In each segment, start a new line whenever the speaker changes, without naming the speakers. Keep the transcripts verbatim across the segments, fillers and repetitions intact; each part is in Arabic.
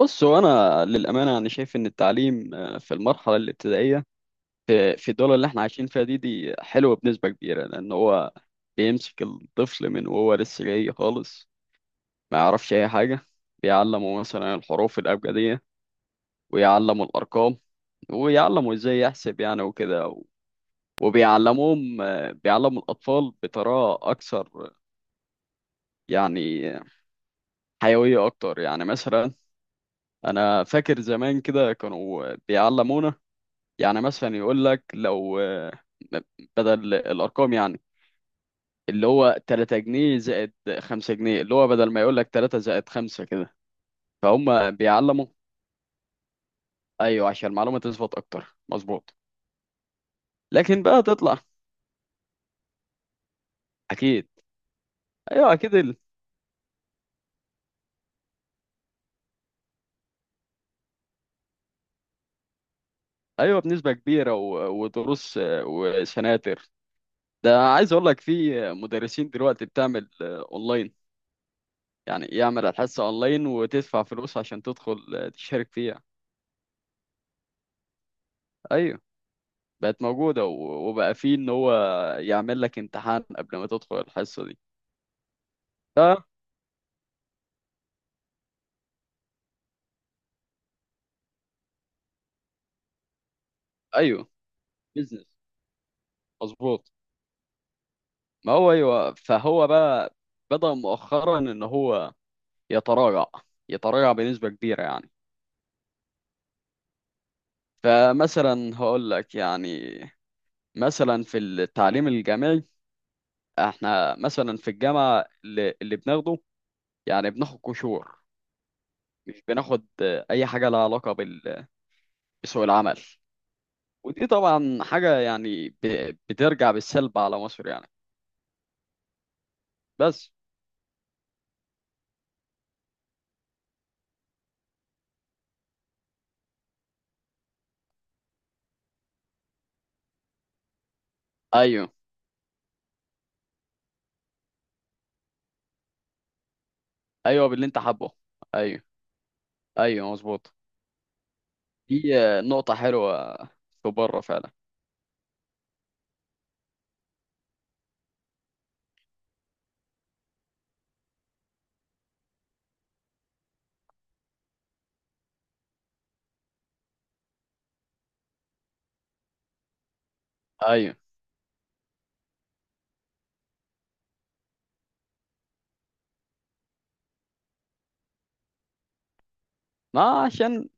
بص، هو انا للامانه انا شايف ان التعليم آه، في المرحله الابتدائيه في في الدول اللي احنا عايشين فيها دي دي حلوه بنسبه كبيره، لان هو بيمسك الطفل من وهو لسه جاي خالص. ما يعرفش اي حاجه. بيعلمه مثلا الحروف الابجديه، ويعلمه الارقام، ويعلمه ازاي يحسب يعني وكده. وبيعلموهم آه، بيعلموا الاطفال بطريقه اكثر، يعني حيويه اكتر. يعني مثلا انا فاكر زمان كده كانوا بيعلمونا، يعني مثلا يقول لك لو آه، بدل الارقام يعني، اللي هو تلات جنيه زائد خمس جنيه، اللي هو بدل ما يقول لك تلاتة زائد خمسة كده. فهم بيعلموا. ايوه، عشان المعلومه تثبت اكتر. مظبوط. لكن بقى تطلع. اكيد. ايوه اكيد ال... ايوه بنسبه كبيره. و... ودروس آه، وسناتر. ده عايز اقول لك في مدرسين دلوقتي بتعمل آه، اونلاين، يعني يعمل الحصه اونلاين وتدفع فلوس عشان تدخل آه، تشارك فيها. ايوه، بقت موجودة و- وبقى فيه ان هو يعمل لك امتحان قبل ما تدخل الحصة دي. ف- ايوه. بيزنس. مظبوط. ما هو ايوه، فهو بقى بدأ مؤخرا ان هو يتراجع، يتراجع بنسبة كبيرة يعني. فمثلا هقول لك، يعني مثلا في التعليم الجامعي، احنا مثلا في الجامعة اللي, اللي بناخده يعني بناخد قشور. مش بناخد اي حاجة لها علاقة بال- بسوق العمل. ودي طبعا حاجة يعني ب- بترجع بالسلب على مصر يعني. بس. ايوه. ايوه باللي انت حابه. ايوه. ايوه مظبوط. دي آه، نقطة حلوة في بره فعلا. ايوه. ما عشان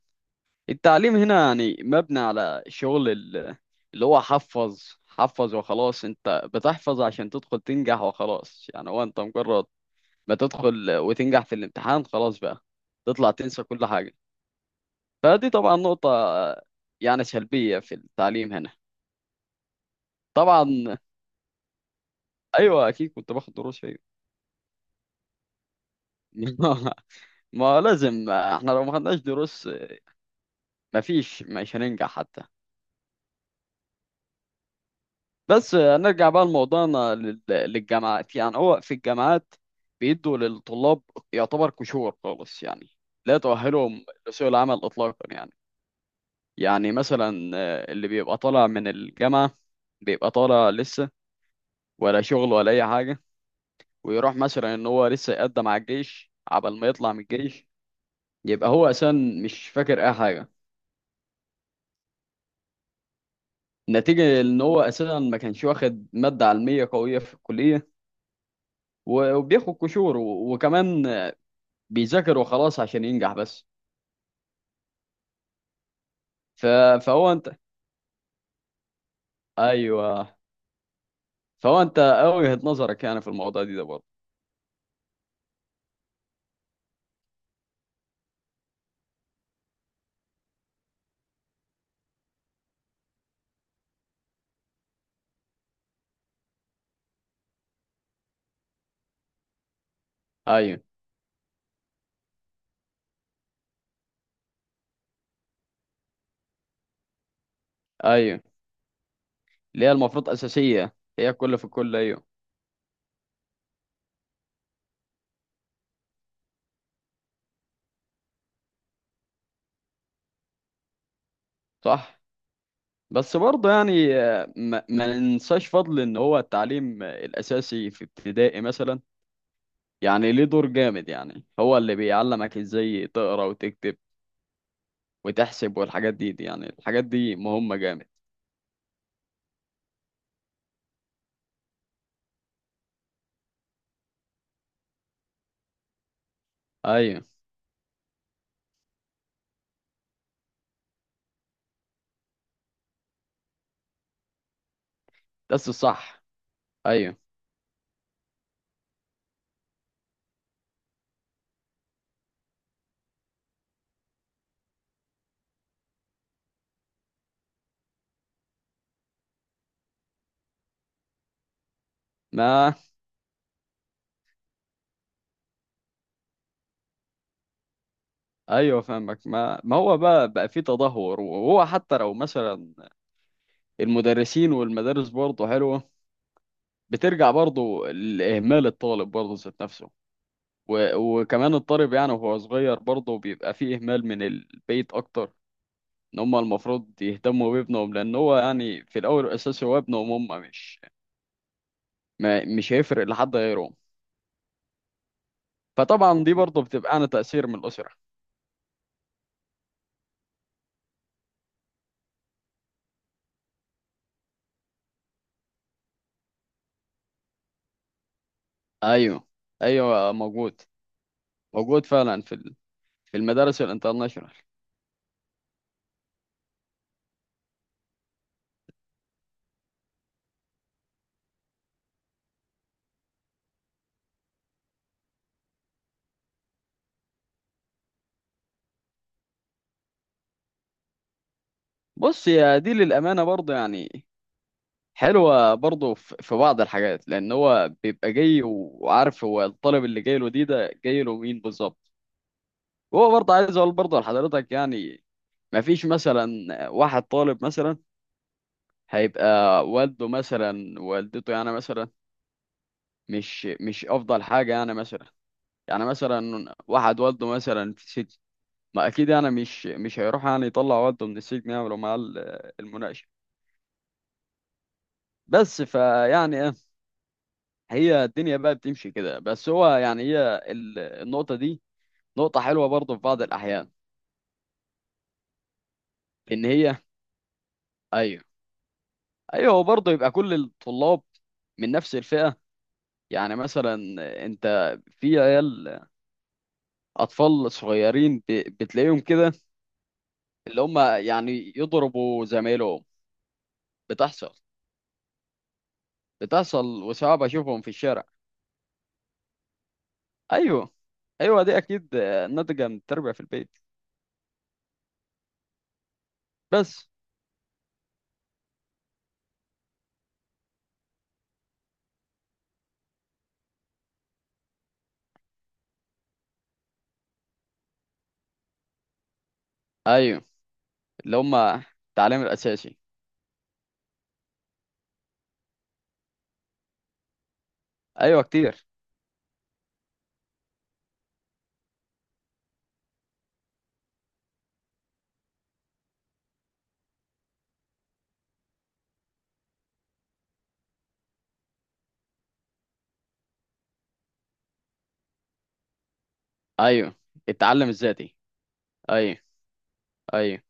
التعليم هنا يعني مبني على شغل ال- اللي هو حفظ حفظ وخلاص. انت بتحفظ عشان تدخل تنجح وخلاص يعني. هو انت مجرد ما تدخل وتنجح في الامتحان خلاص، بقى تطلع تنسى كل حاجة. فدي طبعا نقطة آه، يعني سلبية في التعليم هنا. طبعا. ايوه اكيد كنت باخد دروس فيه. ما لازم، احنا لو ما خدناش دروس مفيش، مش هننجح حتى. بس نرجع بقى لموضوعنا لل- للجامعات. يعني هو في الجامعات بيدوا للطلاب يعتبر كشور خالص يعني، لا تؤهلهم لسوق العمل اطلاقا يعني. يعني مثلا آه، اللي بيبقى طالع من الجامعة، بيبقى طالع لسه، ولا شغل ولا اي حاجة. ويروح مثلا ان هو لسه يقدم على الجيش، عبل ما يطلع من الجيش يبقى هو اساسا مش فاكر اي حاجه، نتيجه ان هو اساسا ما كانش واخد ماده علميه قويه في الكليه. و- وبياخد قشور و- وكمان بيذاكر وخلاص عشان ينجح بس. ف... فهو انت. ايوه. فهو انت وجهه نظرك يعني في الموضوع دي ده برضه؟ ايوه. ايوه. اللي هي المفروض اساسيه، هي الكل في الكل. ايوه. صح. بس برضه يعني آه، ما, ما ننساش فضل ان هو التعليم الاساسي في ابتدائي مثلا، يعني ليه دور جامد. يعني هو اللي بيعلمك ازاي تقرا وتكتب وتحسب، والحاجات دي, دي يعني الحاجات دي مهمة جامد. ايوه. بس الصح. ايوه. ما ايوه فاهمك. ما ما هو بقى، بقى في تدهور. وهو حتى لو مثلا المدرسين والمدارس برضه حلوة، بترجع برضه لإهمال الطالب برضه ذات نفسه. و... وكمان الطالب، يعني وهو صغير برضه بيبقى فيه إهمال من البيت أكتر. إن هما المفروض يهتموا بابنهم، لأن هو يعني في الأول والأساس هو ابنهم، هما مش، ما مش هيفرق لحد غيرهم. فطبعا دي برضه بتبقى عن تأثير من الأسرة. أيوه. أيوه موجود. موجود فعلا في ال- في المدارس الانترناشونال. بص يا دي للأمانة برضه يعني حلوة برضه في في بعض الحاجات، لأن هو بيبقى جاي وعارف هو الطالب اللي جاي له دي، ده جاي له مين بالظبط. هو برضه عايز أقول برضه لحضرتك يعني، ما فيش مثلا واحد طالب مثلا هيبقى والده مثلا، والدته يعني مثلا مش مش أفضل حاجة يعني مثلا. يعني مثلا واحد والده مثلا في سجن، ما اكيد يعني مش مش هيروح يعني يطلع والده من السجن يعملوا معاه ال- المناقشه. بس فيعني ايه، هي الدنيا بقى بتمشي كده. بس هو يعني هي ال- النقطه دي نقطه حلوه برضه في بعض الاحيان، ان هي. ايوه. ايوه. هو برضه يبقى كل الطلاب من نفس الفئه. يعني مثلا انت، في عيال اطفال صغيرين ب- بتلاقيهم كده اللي هم يعني يضربوا زمايلهم. بتحصل. بتصل وصعب اشوفهم في الشارع. ايوه. ايوه دي اكيد آه، ناتجه من التربيه في البيت. بس. ايوه. اللي هم التعليم الاساسي. ايوه كتير. ايوه التعلم الذاتي. ايوه. ايوه.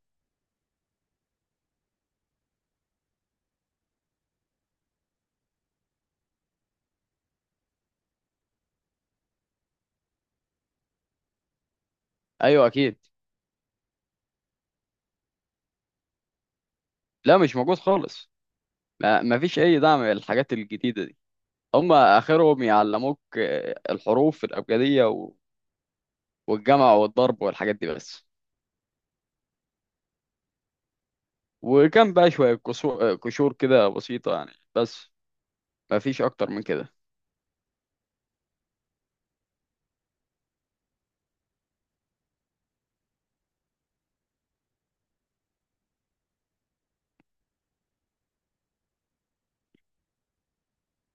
ايوه اكيد، لا مش موجود خالص. ما ما فيش اي دعم للحاجات الجديده دي. هم اخرهم يعلموك آه، الحروف الابجديه و- والجمع والضرب والحاجات دي بس. وكان بقى شويه كسو- آه، كشور كده بسيطه يعني بس. ما فيش اكتر من كده.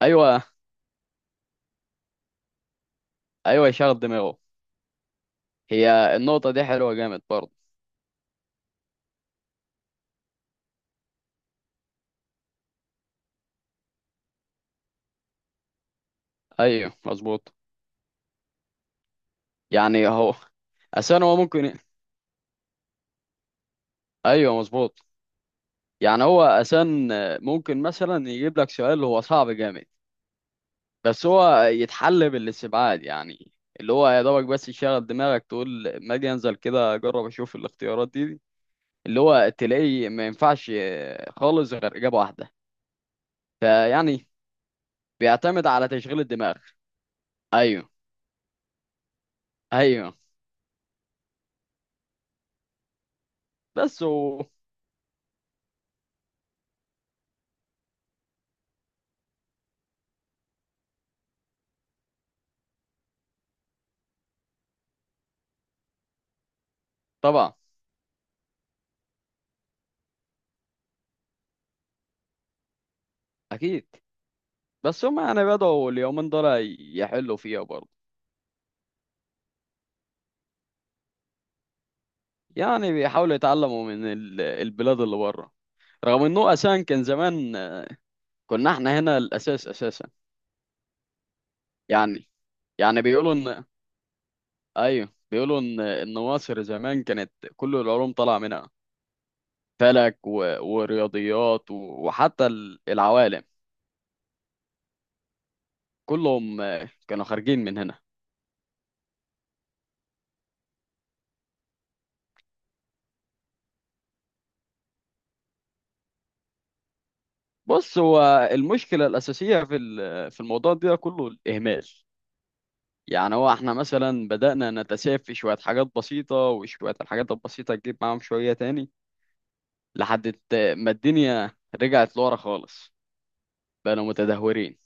ايوه. ايوه يشغل دماغه. هي النقطة دي حلوة جامد برضه. ايوه مظبوط. يعني هو اسان، هو ممكن. ايوه مظبوط. يعني هو اسان ممكن مثلا يجيب لك سؤال هو صعب جامد، بس هو يتحل بالاستبعاد يعني، اللي هو يا دوبك بس يشغل دماغك تقول ما اجي انزل كده اجرب اشوف الاختيارات دي, دي اللي هو تلاقيه ما ينفعش خالص غير اجابة واحدة. فيعني بيعتمد على تشغيل الدماغ. ايوه. ايوه. بس و... طبعا. اكيد. بس هم يعني بدأوا اليومين دول يحلوا فيها برضه. يعني بيحاولوا يتعلموا من ال- البلاد اللي بره، رغم انه اساسا كان زمان كنا احنا هنا الاساس اساسا يعني. يعني بيقولوا ان. ايوه بيقولوا ان ان مصر زمان كانت كل العلوم طالعه منها. فلك و... ورياضيات و... وحتى ال- العوالم كلهم آه، كانوا خارجين من هنا. بص هو المشكله الاساسيه في ال- في الموضوع ده كله الاهمال. يعني هو احنا مثلا بدأنا نتساهل في شوية حاجات بسيطة، وشوية الحاجات البسيطة تجيب معاهم شوية تاني، لحد الت- ما الدنيا رجعت لورا خالص، بقينا متدهورين.